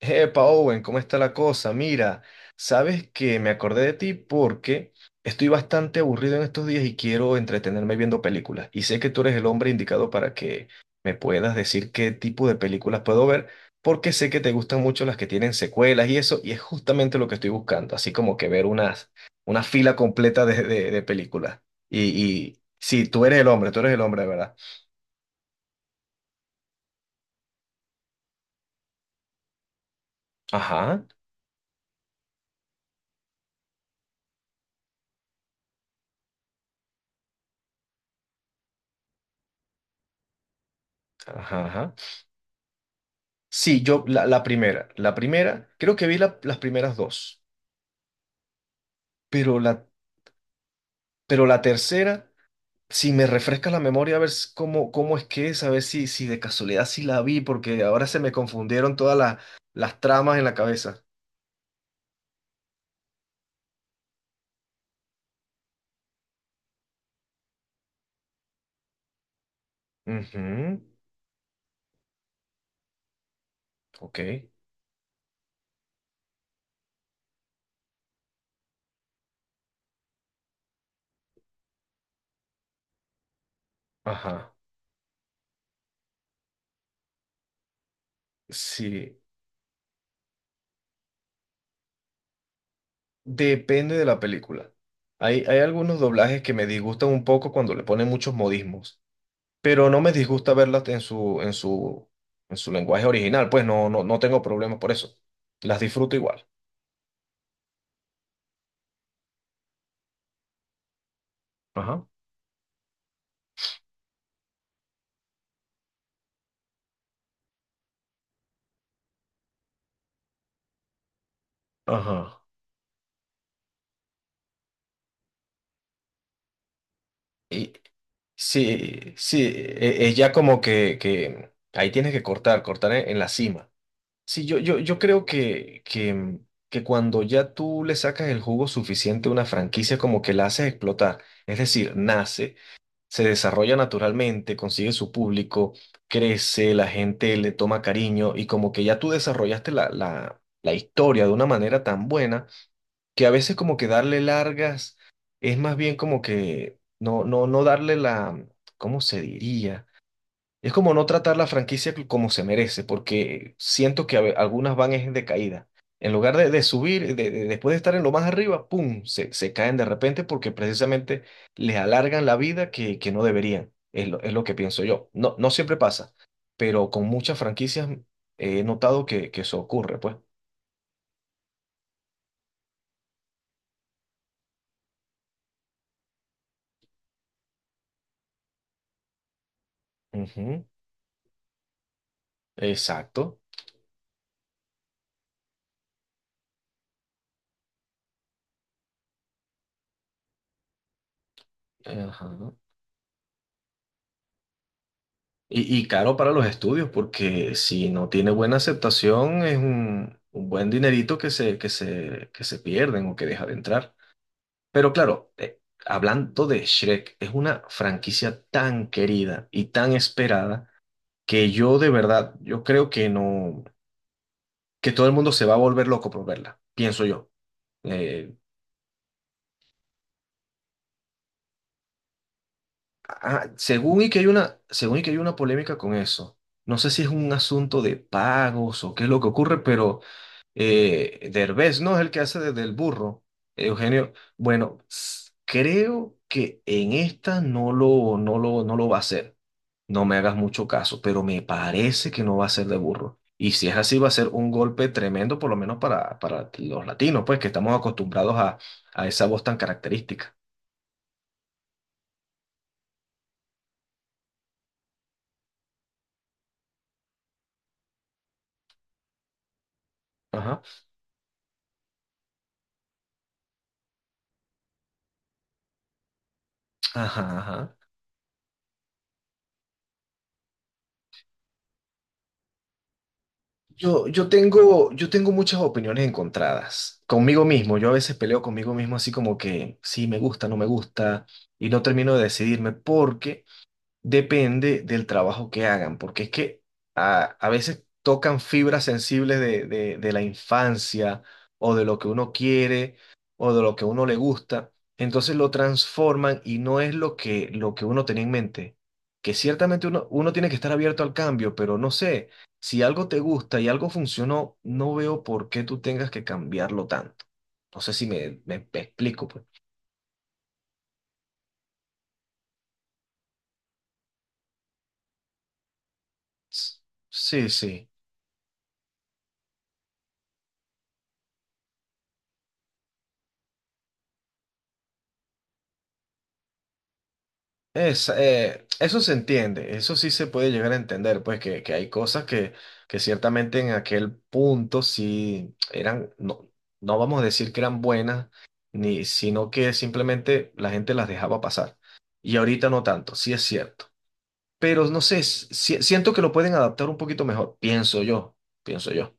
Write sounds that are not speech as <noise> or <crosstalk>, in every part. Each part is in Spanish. Epa, Owen, ¿cómo está la cosa? Mira, sabes que me acordé de ti porque estoy bastante aburrido en estos días y quiero entretenerme viendo películas. Y sé que tú eres el hombre indicado para que me puedas decir qué tipo de películas puedo ver, porque sé que te gustan mucho las que tienen secuelas y eso, y es justamente lo que estoy buscando, así como que ver unas, una fila completa de películas. Y sí, tú eres el hombre, tú eres el hombre, de ¿verdad? Ajá, ajá, ajá. Sí, yo la primera, la primera, creo que vi las primeras dos, pero la, pero la tercera, si me refresca la memoria a ver cómo, cómo es que es, a ver si, si de casualidad sí la vi, porque ahora se me confundieron todas las tramas en la cabeza. Ujú. Ok, ajá, sí, depende de la película. Hay algunos doblajes que me disgustan un poco cuando le ponen muchos modismos, pero no me disgusta verlas en su lenguaje original, pues no tengo problema por eso. Las disfruto igual. Ajá, ajá. Y sí, sí, es como que ahí tienes que cortar, cortar en la cima. Sí, yo creo que cuando ya tú le sacas el jugo suficiente a una franquicia, como que la haces explotar. Es decir, nace, se desarrolla naturalmente, consigue su público, crece, la gente le toma cariño y como que ya tú desarrollaste la historia de una manera tan buena que a veces como que darle largas es más bien como que no darle la, ¿cómo se diría? Es como no tratar la franquicia como se merece, porque siento que algunas van es de caída. En lugar de subir, después de estar en lo más arriba, ¡pum! Se caen de repente porque precisamente les alargan la vida que no deberían. Es lo que pienso yo. No, no siempre pasa, pero con muchas franquicias he notado que eso ocurre, pues. Ujú. Exacto. Ajá. Y caro para los estudios, porque si no tiene buena aceptación, es un buen dinerito que que se pierden o que deja de entrar. Pero claro, hablando de Shrek, es una franquicia tan querida y tan esperada que yo de verdad, yo creo que no, que todo el mundo se va a volver loco por verla, pienso yo. Eh, ah, según y que hay una, según y que hay una polémica con eso. No sé si es un asunto de pagos o qué es lo que ocurre, pero Derbez, ¿no? Es el que hace del burro, Eugenio. Bueno, creo que en esta no lo va a hacer. No me hagas mucho caso, pero me parece que no va a ser de burro. Y si es así, va a ser un golpe tremendo, por lo menos para los latinos, pues que estamos acostumbrados a esa voz tan característica. Ajá. Ajá, ajá. Yo tengo muchas opiniones encontradas conmigo mismo. Yo a veces peleo conmigo mismo así como que sí, me gusta, no me gusta, y no termino de decidirme porque depende del trabajo que hagan, porque es que a veces tocan fibras sensibles de la infancia o de lo que uno quiere o de lo que a uno le gusta, entonces lo transforman y no es lo lo que uno tenía en mente. Que ciertamente uno tiene que estar abierto al cambio, pero no sé, si algo te gusta y algo funcionó, no veo por qué tú tengas que cambiarlo tanto. No sé si me explico, pues. S- Sí, sí. Es, eso se entiende, eso sí se puede llegar a entender, pues que hay cosas que ciertamente en aquel punto sí eran, no, no vamos a decir que eran buenas, ni, sino que simplemente la gente las dejaba pasar. Y ahorita no tanto, sí es cierto. Pero no sé, si- si, siento que lo pueden adaptar un poquito mejor, pienso yo.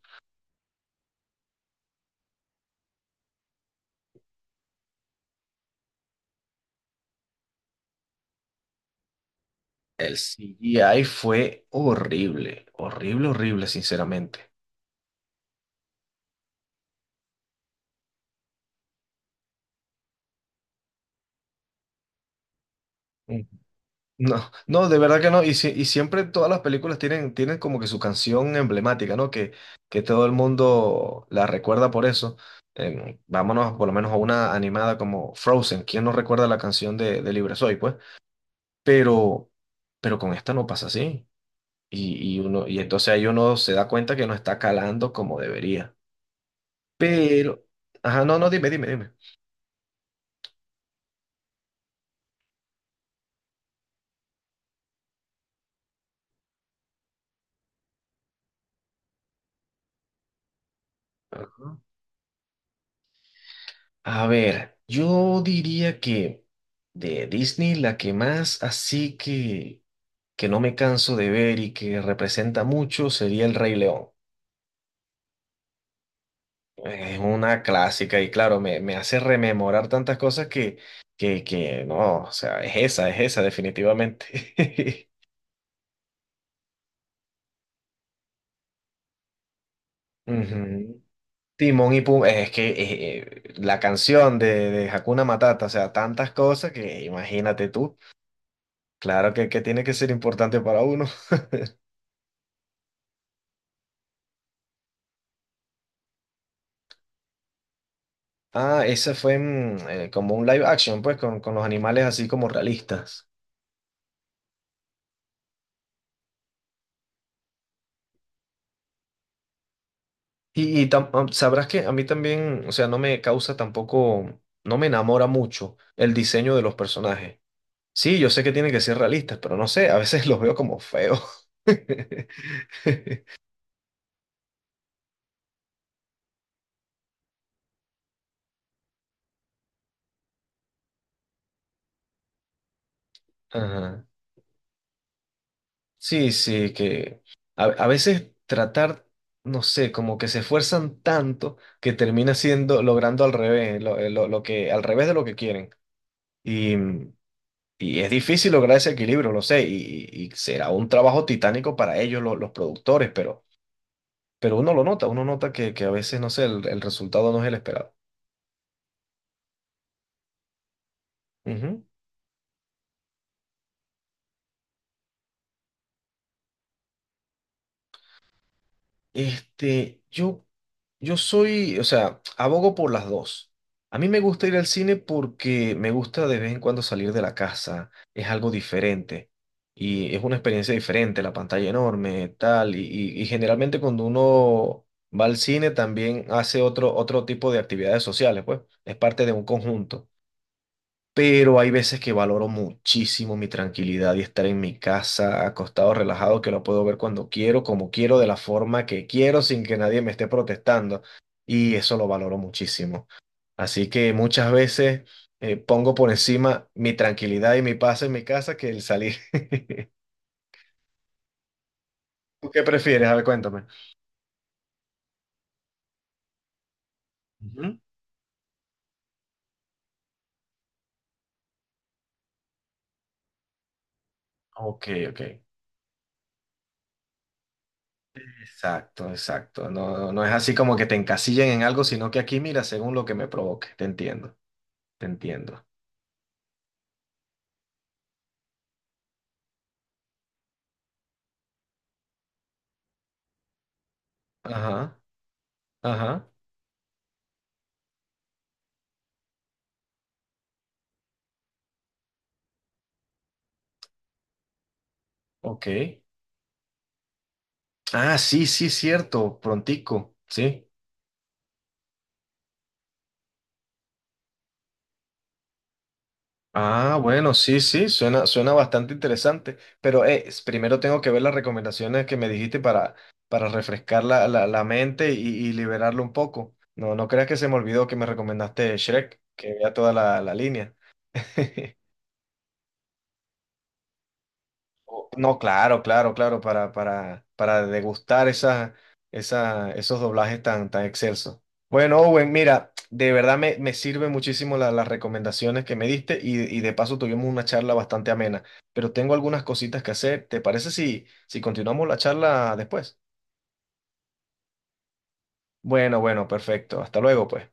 El CGI fue horrible, horrible, horrible, sinceramente. No, no, de verdad que no. Y, y siempre todas las películas tienen, tienen como que su canción emblemática, ¿no? Que todo el mundo la recuerda por eso. Em, vámonos por lo menos a una animada como Frozen. ¿Quién no recuerda la canción de Libre Soy, pues? Pero, pero con esta no pasa así. Y entonces ahí uno se da cuenta que no está calando como debería. Pero, ajá, no, no, dime, dime, dime. Ajá. A ver, yo diría que de Disney la que más así que no me canso de ver y que representa mucho sería El Rey León. Es una clásica y claro, me hace rememorar tantas cosas que, que no, o sea, es esa definitivamente. <laughs> Ujú. Timón y Pumba, es que la canción de Hakuna Matata, o sea, tantas cosas que imagínate tú, claro que tiene que ser importante para uno. Ah, ese fue mm, como un live action, pues, con los animales así como realistas. Y, sabrás que a mí también, o sea, no me causa tampoco, no me enamora mucho el diseño de los personajes. Sí, yo sé que tienen que ser realistas, pero no sé, a veces <laughs> los veo como feos. <laughs> Ajá. Sí, sí, que a veces tratar, no sé, como que se esfuerzan tanto que termina siendo, logrando al revés, lo, lo que, al revés de lo que quieren. Y, mm, y es difícil lograr ese equilibrio, lo sé, y será un trabajo titánico para ellos, los productores, pero uno lo nota, uno nota que a veces, no sé, el resultado no es el esperado. Ujú. Este, yo soy, o sea, abogo por las dos. A mí me gusta ir al cine porque me gusta de vez en cuando salir de la casa, es algo diferente y es una experiencia diferente, la pantalla enorme, tal, y generalmente cuando uno va al cine también hace otro, otro tipo de actividades sociales, pues, es parte de un conjunto, pero hay veces que valoro muchísimo mi tranquilidad y estar en mi casa, acostado, relajado, que lo puedo ver cuando quiero, como quiero, de la forma que quiero, sin que nadie me esté protestando. Y eso lo valoro muchísimo. Así que muchas veces pongo por encima mi tranquilidad y mi paz en mi casa que el salir. <laughs> ¿Tú qué prefieres? A ver, cuéntame. Ujú. Ok, ok. Exacto, exacto. No, no no es así como que te encasillen en algo, sino que aquí mira según lo que me provoque. Te entiendo, te entiendo. Ajá. Ajá, ok. Ah, sí, sí, cierto, prontico, sí. Ah, bueno, sí, sí, suena, suena bastante interesante, pero primero tengo que ver las recomendaciones que me dijiste para refrescar la mente y liberarlo un poco. No, no creas que se me olvidó que me recomendaste Shrek, que vea toda la línea. <laughs> No, claro, claro, claro, para degustar esas, esos doblajes tan, tan excelsos. Bueno, Owen, mira, de verdad me sirven muchísimo las recomendaciones que me diste y de paso tuvimos una charla bastante amena, pero tengo algunas cositas que hacer. ¿Te parece si, si continuamos la charla después? Bueno, bueno, perfecto. Hasta luego, pues.